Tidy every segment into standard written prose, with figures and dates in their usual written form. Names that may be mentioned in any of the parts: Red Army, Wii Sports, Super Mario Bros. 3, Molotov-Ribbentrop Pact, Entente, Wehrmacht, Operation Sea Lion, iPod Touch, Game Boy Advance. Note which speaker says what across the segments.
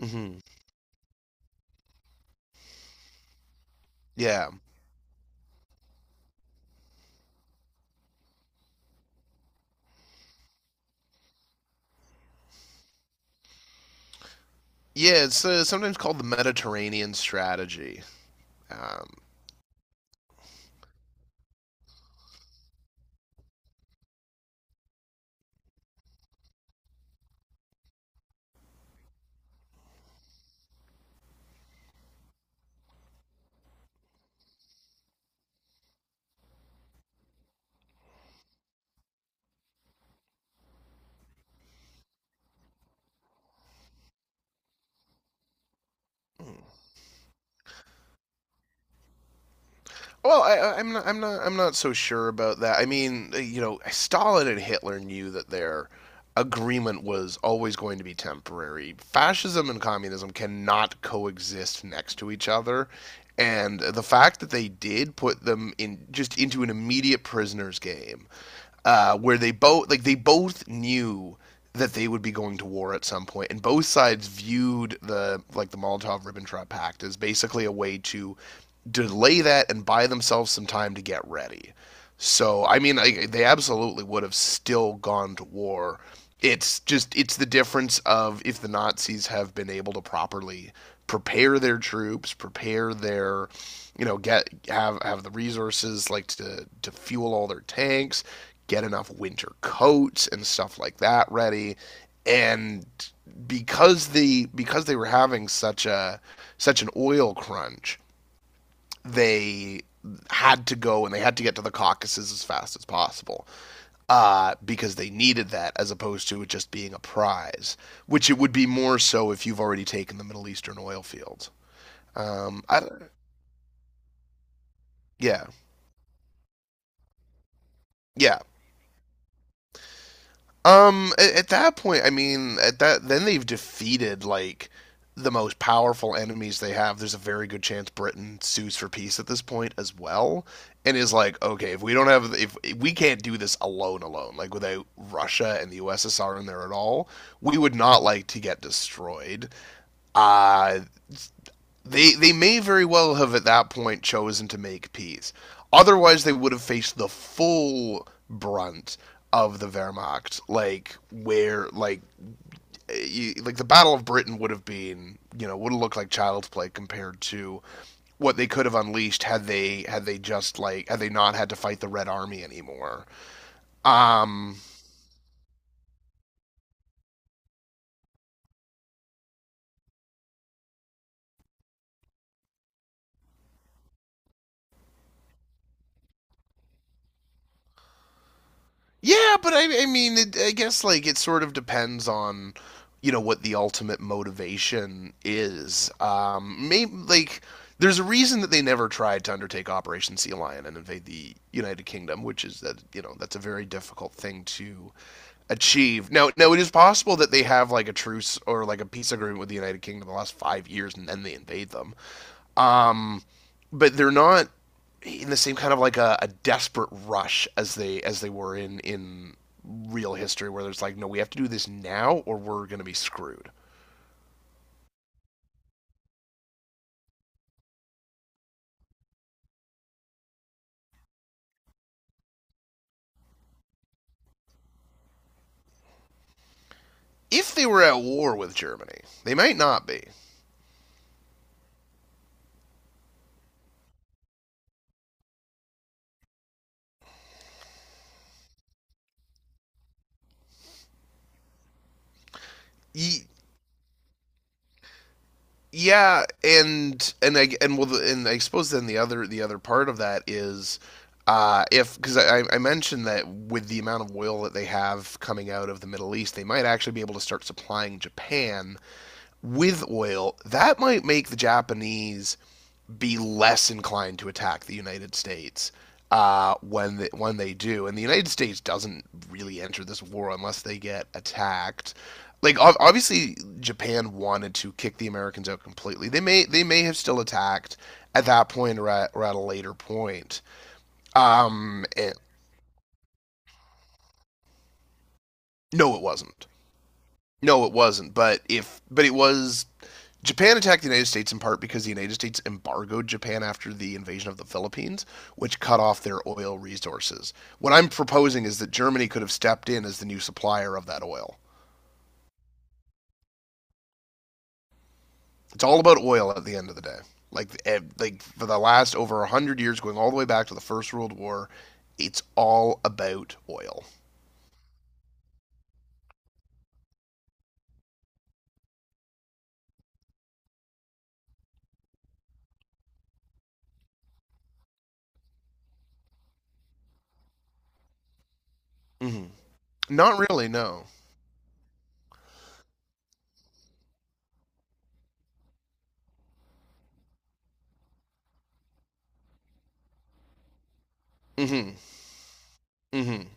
Speaker 1: hmm Yeah. Yeah, it's sometimes called the Mediterranean strategy. Um, hmm. Well, I'm not so sure about that. I mean, you know, Stalin and Hitler knew that their agreement was always going to be temporary. Fascism and communism cannot coexist next to each other, and the fact that they did put them in just into an immediate prisoner's game where they both knew that they would be going to war at some point, and both sides viewed the Molotov-Ribbentrop Pact as basically a way to delay that and buy themselves some time to get ready. So I mean, they absolutely would have still gone to war. It's the difference of if the Nazis have been able to properly prepare their troops, prepare their, you know, get have the resources like to fuel all their tanks, get enough winter coats and stuff like that ready. And because they were having such an oil crunch, they had to go and they had to get to the Caucasus as fast as possible because they needed that as opposed to it just being a prize, which it would be more so if you've already taken the Middle Eastern oil fields. Um, I, yeah, yeah. At that point, I mean, at that then they've defeated like the most powerful enemies they have. There's a very good chance Britain sues for peace at this point as well, and is like, okay, if we don't have, if we can't do this alone, like without Russia and the USSR in there at all, we would not like to get destroyed. Uh, they may very well have at that point chosen to make peace. Otherwise, they would have faced the full brunt of the Wehrmacht, like where like eh, you, like the Battle of Britain would have been, you know, would have looked like child's play compared to what they could have unleashed had they not had to fight the Red Army anymore. Um Yeah, but I mean, I guess like it sort of depends on, you know, what the ultimate motivation is. Maybe like there's a reason that they never tried to undertake Operation Sea Lion and invade the United Kingdom, which is that you know that's a very difficult thing to achieve. Now it is possible that they have like a truce or like a peace agreement with the United Kingdom the last 5 years, and then they invade them. Um, but they're not in the same kind of like a desperate rush as they were in real history, where there's like, no, we have to do this now or we're gonna be screwed. If they were at war with Germany, they might not be. Ye- yeah, and I suppose then the other part of that is if I mentioned that with the amount of oil that they have coming out of the Middle East, they might actually be able to start supplying Japan with oil, that might make the Japanese be less inclined to attack the United States when they do. And the United States doesn't really enter this war unless they get attacked. Like obviously, Japan wanted to kick the Americans out completely. They may have still attacked at that point or at a later point. Um, and, no, it wasn't. No, it wasn't. But if but it was Japan attacked the United States in part because the United States embargoed Japan after the invasion of the Philippines, which cut off their oil resources. What I'm proposing is that Germany could have stepped in as the new supplier of that oil. It's all about oil at the end of the day. Like, like for the last over 100 years, going all the way back to the First World War, it's all about oil. hmm Not really, no. hmm hmm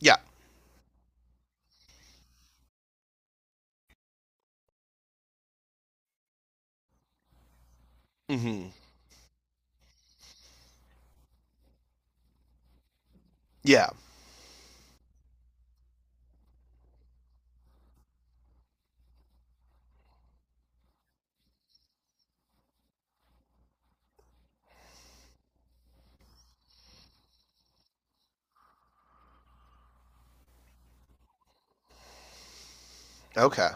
Speaker 1: Yeah. hmm Yeah. Okay.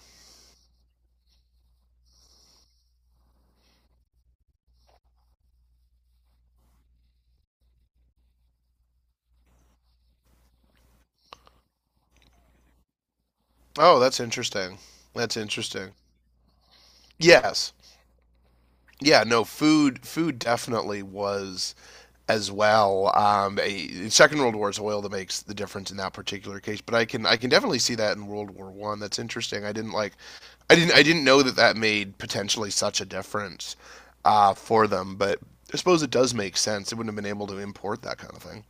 Speaker 1: Oh, that's interesting. That's interesting. Yes. Yeah, no, food definitely was as well. Second World War is oil that makes the difference in that particular case, but I can definitely see that in World War One. That's interesting. I didn't like, I didn't know that that made potentially such a difference for them, but I suppose it does make sense. They wouldn't have been able to import that kind of thing.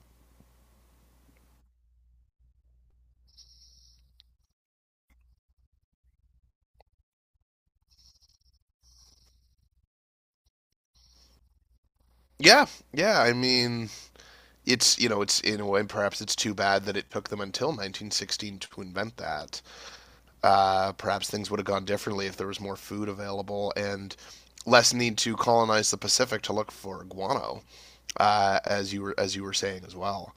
Speaker 1: Yeah, yeah. I mean, it's you know, it's in a way perhaps it's too bad that it took them until 1916 to invent that. Uh, perhaps things would have gone differently if there was more food available and less need to colonize the Pacific to look for guano, as you were saying as well.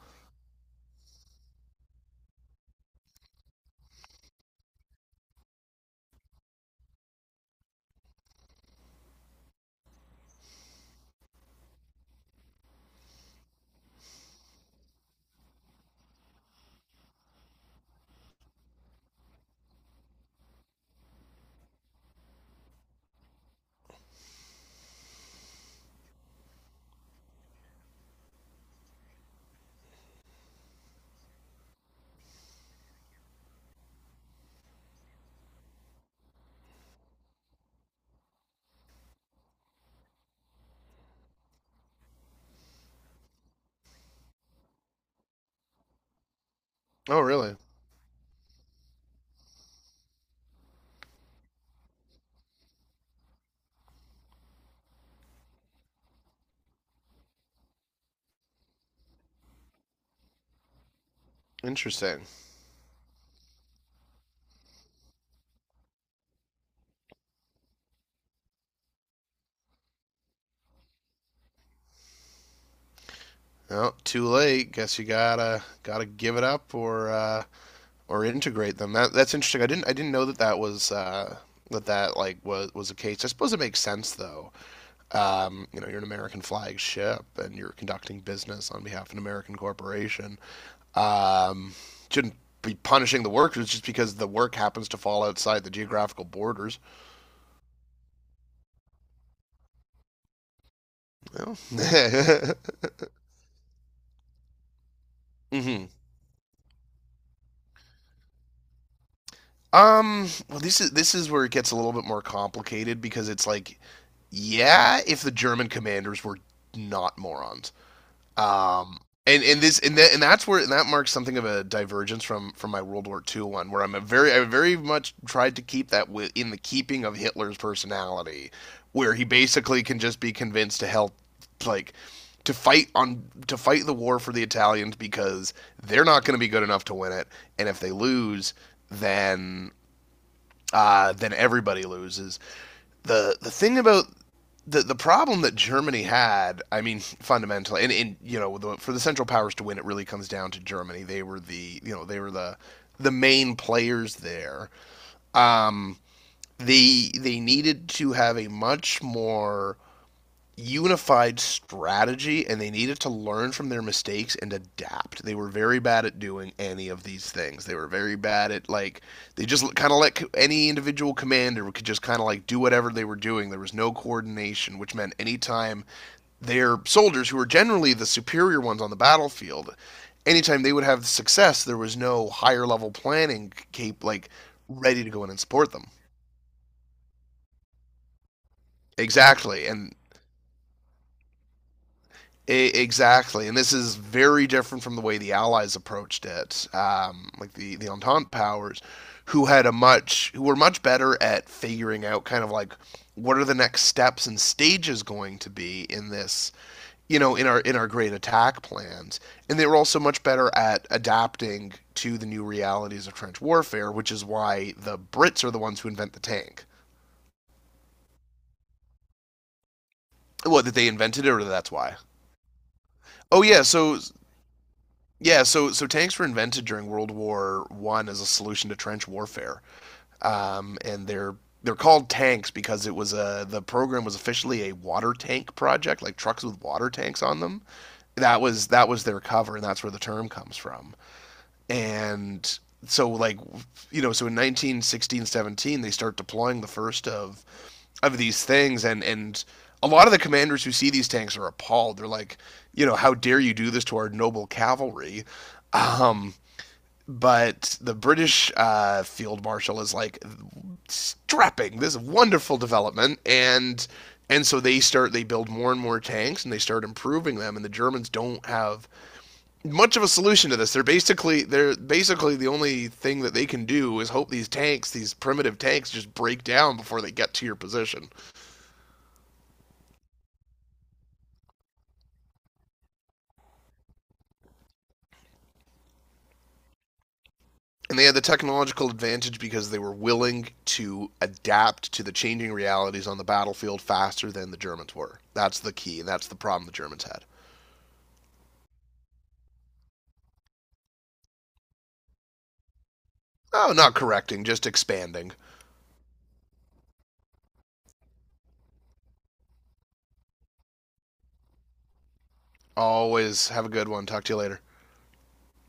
Speaker 1: Oh, really? Interesting. Well, too late. Guess you gotta give it up or integrate them. That that's interesting. I didn't know that that was that like was the case. I suppose it makes sense though. You know, you're an American flag ship and you're conducting business on behalf of an American corporation. Um, shouldn't be punishing the workers just because the work happens to fall outside the geographical borders. Well, hmm this is where it gets a little bit more complicated because it's like, yeah, if the German commanders were not morons. And this and that and that's where and that marks something of a divergence from my World War Two one, where I'm a very I very much tried to keep that within the keeping of Hitler's personality, where he basically can just be convinced to help, like to fight the war for the Italians because they're not going to be good enough to win it, and if they lose, then then everybody loses. The thing about the problem that Germany had, I mean, fundamentally, and you know, for the Central Powers to win, it really comes down to Germany. They were the you know they were the main players there. Um, they needed to have a much more unified strategy and they needed to learn from their mistakes and adapt. They were very bad at doing any of these things. They were very bad at like they just kind of let any individual commander could just kind of like do whatever they were doing. There was no coordination, which meant anytime their soldiers who were generally the superior ones on the battlefield, anytime they would have success, there was no higher level planning like ready to go in and support them. Exactly. Exactly, and this is very different from the way the Allies approached it, like the Entente powers, who were much better at figuring out kind of like what are the next steps and stages going to be in this you know in our great attack plans, and they were also much better at adapting to the new realities of trench warfare, which is why the brits are the ones who invent the tank. What, that they invented it or that's why? Oh yeah, so yeah, so so tanks were invented during World War One as a solution to trench warfare, and they're called tanks because it was a the program was officially a water tank project, like trucks with water tanks on them. That was their cover, and that's where the term comes from. And so like you know, so in 1916, 17, they start deploying the first of these things, and a lot of the commanders who see these tanks are appalled. They're like, you know, how dare you do this to our noble cavalry? But the British field marshal is like strapping, this is a wonderful development, and so they build more and more tanks and they start improving them, and the Germans don't have much of a solution to this. They're basically the only thing that they can do is hope these tanks, these primitive tanks, just break down before they get to your position. And they had the technological advantage because they were willing to adapt to the changing realities on the battlefield faster than the Germans were. That's the key, and that's the problem the Germans had. Oh, not correcting, just expanding. Always have a good one. Talk to you later.